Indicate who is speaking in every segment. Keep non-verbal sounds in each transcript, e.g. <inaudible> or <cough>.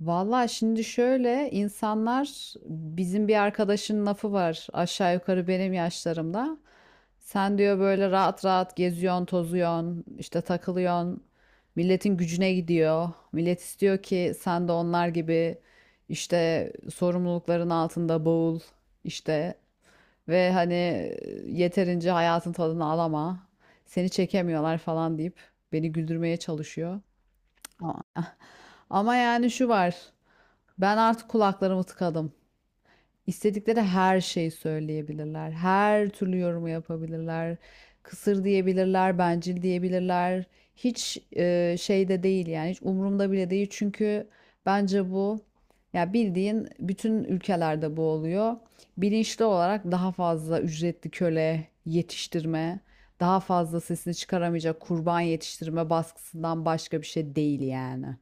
Speaker 1: Vallahi şimdi şöyle insanlar bizim bir arkadaşın lafı var aşağı yukarı benim yaşlarımda. Sen diyor böyle rahat rahat geziyorsun, tozuyorsun, işte takılıyorsun. Milletin gücüne gidiyor. Millet istiyor ki sen de onlar gibi işte sorumlulukların altında boğul, işte ve hani yeterince hayatın tadını alama. Seni çekemiyorlar falan deyip beni güldürmeye çalışıyor. Ama <laughs> ama yani şu var. Ben artık kulaklarımı tıkadım. İstedikleri her şeyi söyleyebilirler. Her türlü yorumu yapabilirler. Kısır diyebilirler, bencil diyebilirler. Hiç şeyde değil yani hiç umurumda bile değil. Çünkü bence bu ya bildiğin bütün ülkelerde bu oluyor. Bilinçli olarak daha fazla ücretli köle yetiştirme, daha fazla sesini çıkaramayacak kurban yetiştirme baskısından başka bir şey değil yani.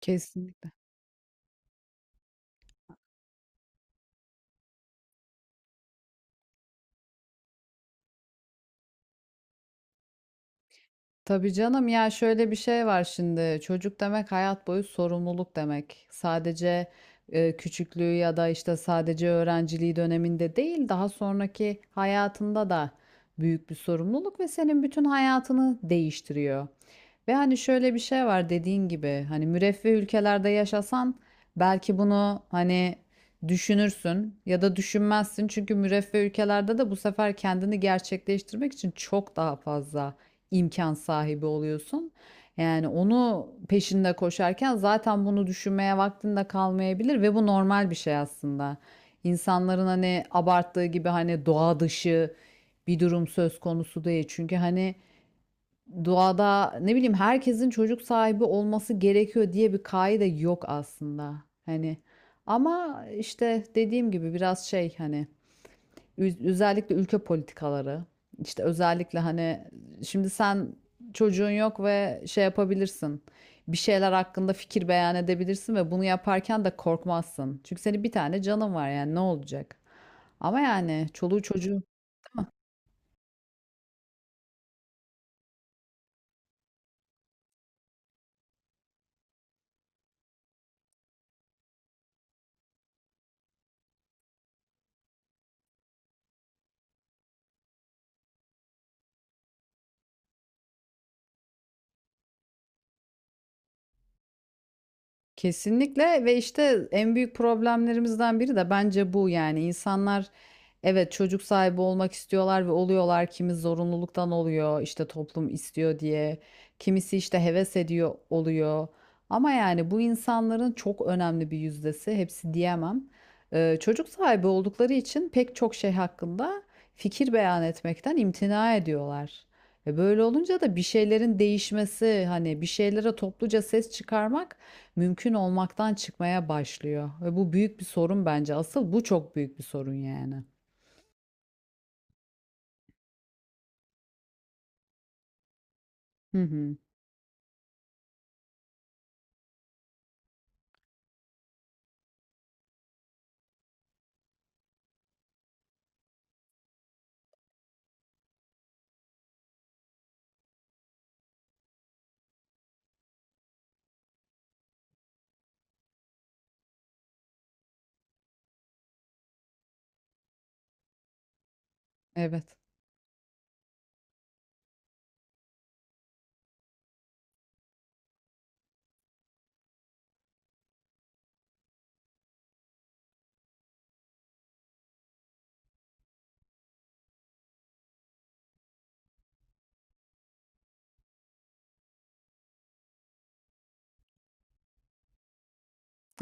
Speaker 1: Kesin. Tabii canım ya şöyle bir şey var, şimdi çocuk demek hayat boyu sorumluluk demek. Sadece küçüklüğü ya da işte sadece öğrenciliği döneminde değil daha sonraki hayatında da büyük bir sorumluluk ve senin bütün hayatını değiştiriyor. Ve hani şöyle bir şey var, dediğin gibi hani müreffeh ülkelerde yaşasan belki bunu hani düşünürsün ya da düşünmezsin. Çünkü müreffeh ülkelerde de bu sefer kendini gerçekleştirmek için çok daha fazla imkan sahibi oluyorsun. Yani onu peşinde koşarken zaten bunu düşünmeye vaktin de kalmayabilir ve bu normal bir şey aslında. İnsanların hani abarttığı gibi hani doğa dışı bir durum söz konusu değil. Çünkü hani doğada ne bileyim herkesin çocuk sahibi olması gerekiyor diye bir kaide yok aslında. Hani ama işte dediğim gibi biraz şey, hani özellikle ülke politikaları. İşte özellikle hani şimdi sen çocuğun yok ve şey yapabilirsin. Bir şeyler hakkında fikir beyan edebilirsin ve bunu yaparken de korkmazsın. Çünkü senin bir tane canın var, yani ne olacak? Ama yani çoluğu çocuğu. Kesinlikle, ve işte en büyük problemlerimizden biri de bence bu, yani insanlar evet çocuk sahibi olmak istiyorlar ve oluyorlar, kimi zorunluluktan oluyor işte toplum istiyor diye, kimisi işte heves ediyor oluyor, ama yani bu insanların çok önemli bir yüzdesi, hepsi diyemem, çocuk sahibi oldukları için pek çok şey hakkında fikir beyan etmekten imtina ediyorlar. E böyle olunca da bir şeylerin değişmesi, hani bir şeylere topluca ses çıkarmak mümkün olmaktan çıkmaya başlıyor. Ve bu büyük bir sorun bence. Asıl bu çok büyük bir sorun yani. Hı hı. Evet.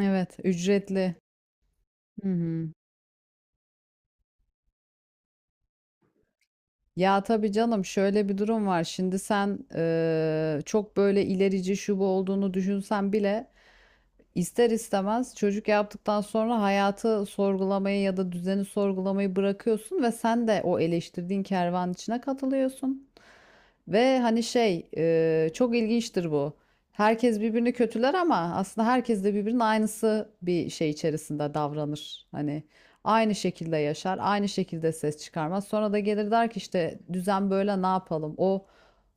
Speaker 1: Evet, ücretli. Hı hı. Ya tabii canım, şöyle bir durum var. Şimdi sen çok böyle ilerici şu bu olduğunu düşünsen bile İster istemez çocuk yaptıktan sonra hayatı sorgulamayı ya da düzeni sorgulamayı bırakıyorsun ve sen de o eleştirdiğin kervan içine katılıyorsun. Ve hani şey, çok ilginçtir bu. Herkes birbirini kötüler ama aslında herkes de birbirinin aynısı bir şey içerisinde davranır. Hani aynı şekilde yaşar, aynı şekilde ses çıkarmaz. Sonra da gelir der ki işte düzen böyle, ne yapalım? O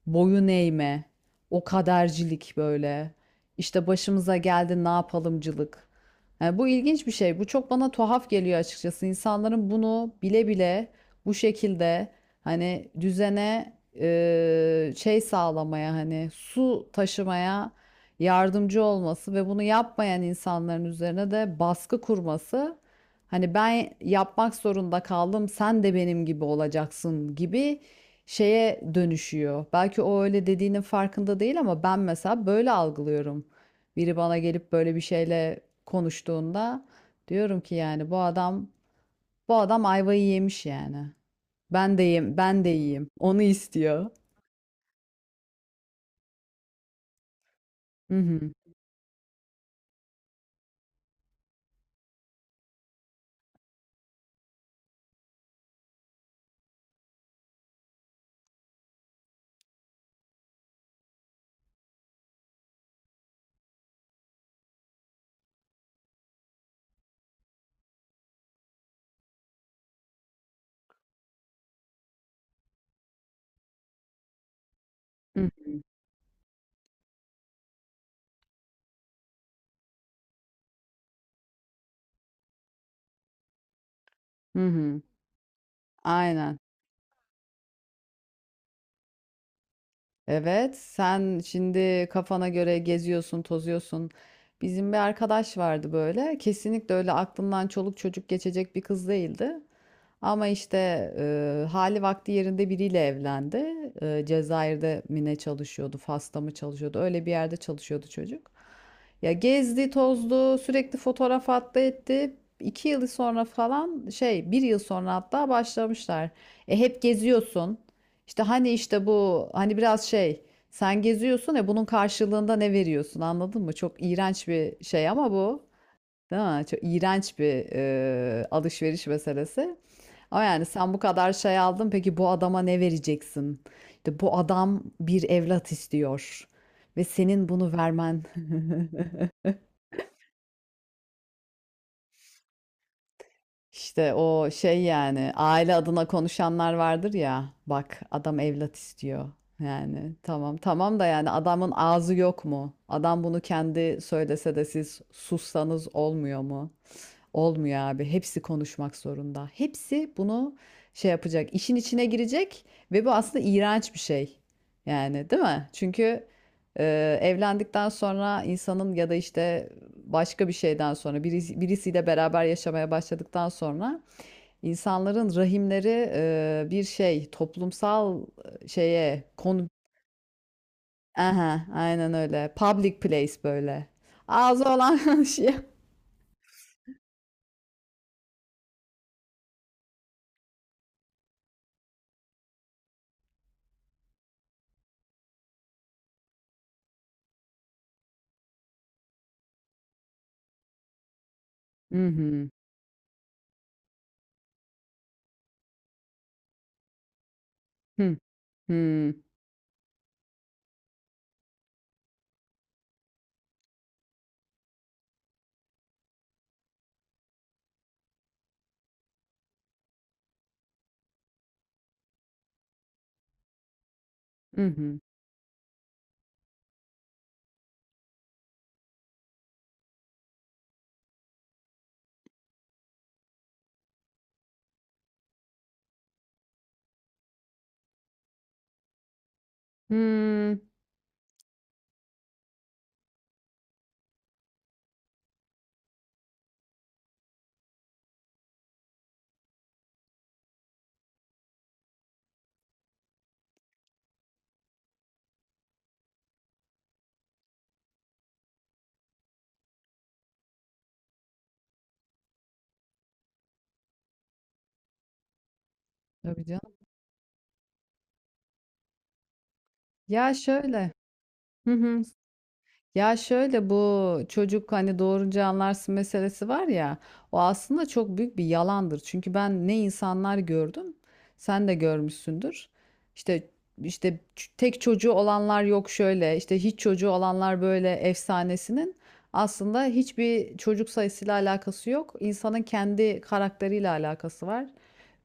Speaker 1: boyun eğme, o kadercilik böyle. İşte başımıza geldi ne yapalımcılık. Yani bu ilginç bir şey. Bu çok bana tuhaf geliyor açıkçası. İnsanların bunu bile bile bu şekilde hani düzene şey sağlamaya, hani su taşımaya yardımcı olması ve bunu yapmayan insanların üzerine de baskı kurması. Hani ben yapmak zorunda kaldım, sen de benim gibi olacaksın gibi şeye dönüşüyor. Belki o öyle dediğinin farkında değil ama ben mesela böyle algılıyorum. Biri bana gelip böyle bir şeyle konuştuğunda diyorum ki yani bu adam ayvayı yemiş yani. Ben de yiyeyim, ben de yiyeyim. Onu istiyor. Hı hı. Hı hı. Hı hı. Aynen. Evet, sen şimdi kafana göre geziyorsun, tozuyorsun. Bizim bir arkadaş vardı böyle. Kesinlikle öyle aklından çoluk çocuk geçecek bir kız değildi. Ama işte hali vakti yerinde biriyle evlendi. E, Cezayir'de mi ne çalışıyordu, Fas'ta mı çalışıyordu? Öyle bir yerde çalışıyordu çocuk. Ya gezdi, tozdu, sürekli fotoğraf attı etti. 2 yıl sonra falan bir yıl sonra hatta başlamışlar. E hep geziyorsun. İşte hani işte bu hani biraz şey, sen geziyorsun ya, bunun karşılığında ne veriyorsun, anladın mı? Çok iğrenç bir şey ama bu, değil mi? Çok iğrenç bir alışveriş meselesi. Ama yani sen bu kadar şey aldın, peki bu adama ne vereceksin? İşte bu adam bir evlat istiyor ve senin bunu vermen. İşte o şey yani aile adına konuşanlar vardır ya, bak adam evlat istiyor, yani tamam tamam da yani adamın ağzı yok mu? Adam bunu kendi söylese de siz sussanız olmuyor mu? Olmuyor abi. Hepsi konuşmak zorunda. Hepsi bunu şey yapacak. İşin içine girecek ve bu aslında iğrenç bir şey. Yani değil mi? Çünkü evlendikten sonra insanın ya da işte başka bir şeyden sonra birisi, birisiyle beraber yaşamaya başladıktan sonra insanların rahimleri bir şey, toplumsal şeye konu. Aha, aynen öyle. Public place böyle. Ağzı olan <laughs> şey. Hı hı. Hı hı. Hı hı. Hımm. Tabii canım. Ya şöyle. Hı hı. Ya şöyle, bu çocuk hani doğurunca anlarsın meselesi var ya, o aslında çok büyük bir yalandır. Çünkü ben ne insanlar gördüm, sen de görmüşsündür. İşte işte tek çocuğu olanlar, yok şöyle işte hiç çocuğu olanlar böyle efsanesinin aslında hiçbir çocuk sayısıyla alakası yok. İnsanın kendi karakteriyle alakası var.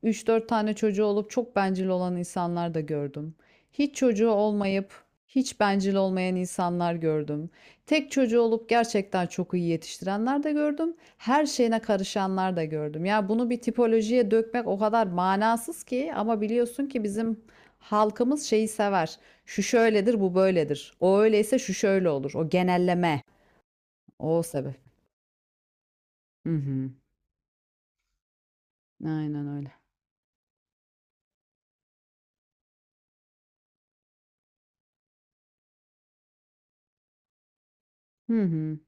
Speaker 1: Üç dört tane çocuğu olup çok bencil olan insanlar da gördüm. Hiç çocuğu olmayıp hiç bencil olmayan insanlar gördüm. Tek çocuğu olup gerçekten çok iyi yetiştirenler de gördüm. Her şeyine karışanlar da gördüm. Ya bunu bir tipolojiye dökmek o kadar manasız ki, ama biliyorsun ki bizim halkımız şeyi sever. Şu şöyledir, bu böyledir. O öyleyse şu şöyle olur. O genelleme. O sebep. Hı hı. Aynen öyle. Hı hı.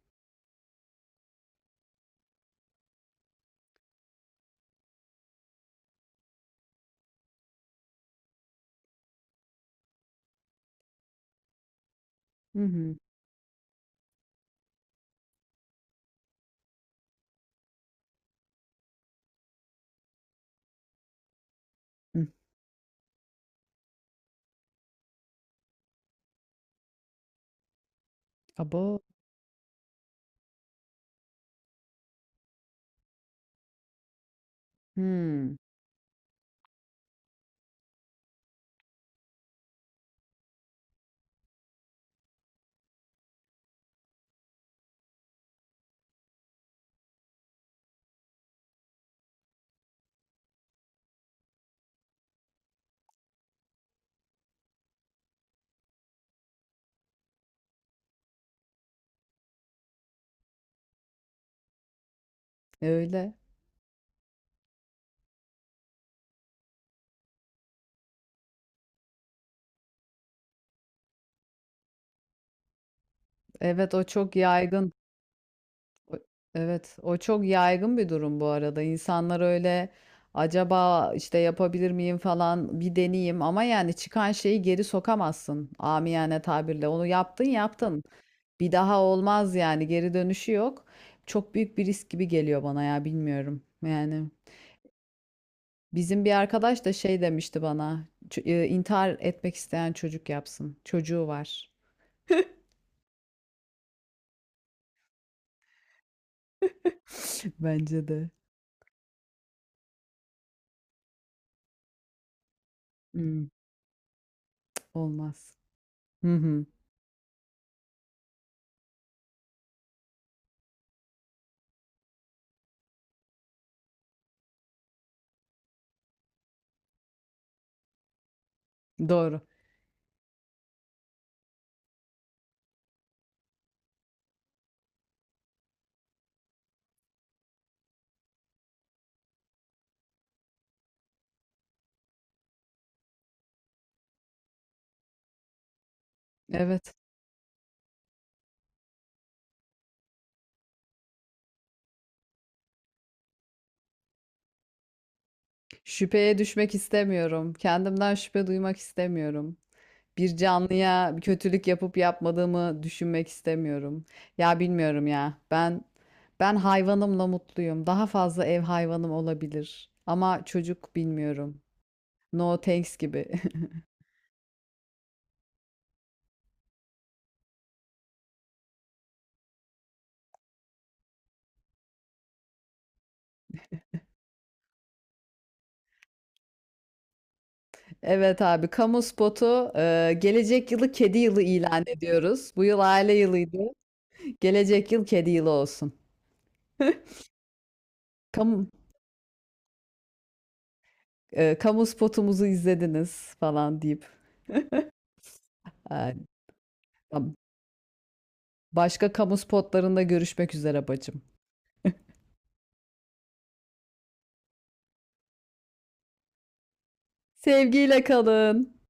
Speaker 1: Hı hı. Hı. Abo. Hı. Öyle. Evet, o çok yaygın. O- Evet, o çok yaygın bir durum bu arada. İnsanlar öyle acaba işte yapabilir miyim falan bir deneyeyim, ama yani çıkan şeyi geri sokamazsın, amiyane tabirle. Onu yaptın yaptın. Bir daha olmaz, yani geri dönüşü yok. Çok büyük bir risk gibi geliyor bana ya, bilmiyorum. Yani bizim bir arkadaş da şey demişti bana. "Ç- e, intihar etmek isteyen çocuk yapsın. Çocuğu var." <laughs> Bence de. Hmm, olmaz. Hı hı, doğru. Evet. Şüpheye düşmek istemiyorum. Kendimden şüphe duymak istemiyorum. Bir canlıya bir kötülük yapıp yapmadığımı düşünmek istemiyorum. Ya bilmiyorum ya. Ben hayvanımla mutluyum. Daha fazla ev hayvanım olabilir. Ama çocuk bilmiyorum. No thanks gibi. <laughs> Evet abi, kamu spotu. Gelecek yılı kedi yılı ilan ediyoruz. Bu yıl aile yılıydı. Gelecek yıl kedi yılı olsun. <laughs> Kamu, kamu spotumuzu izlediniz falan deyip. e, Başka kamu spotlarında görüşmek üzere bacım. Sevgiyle kalın.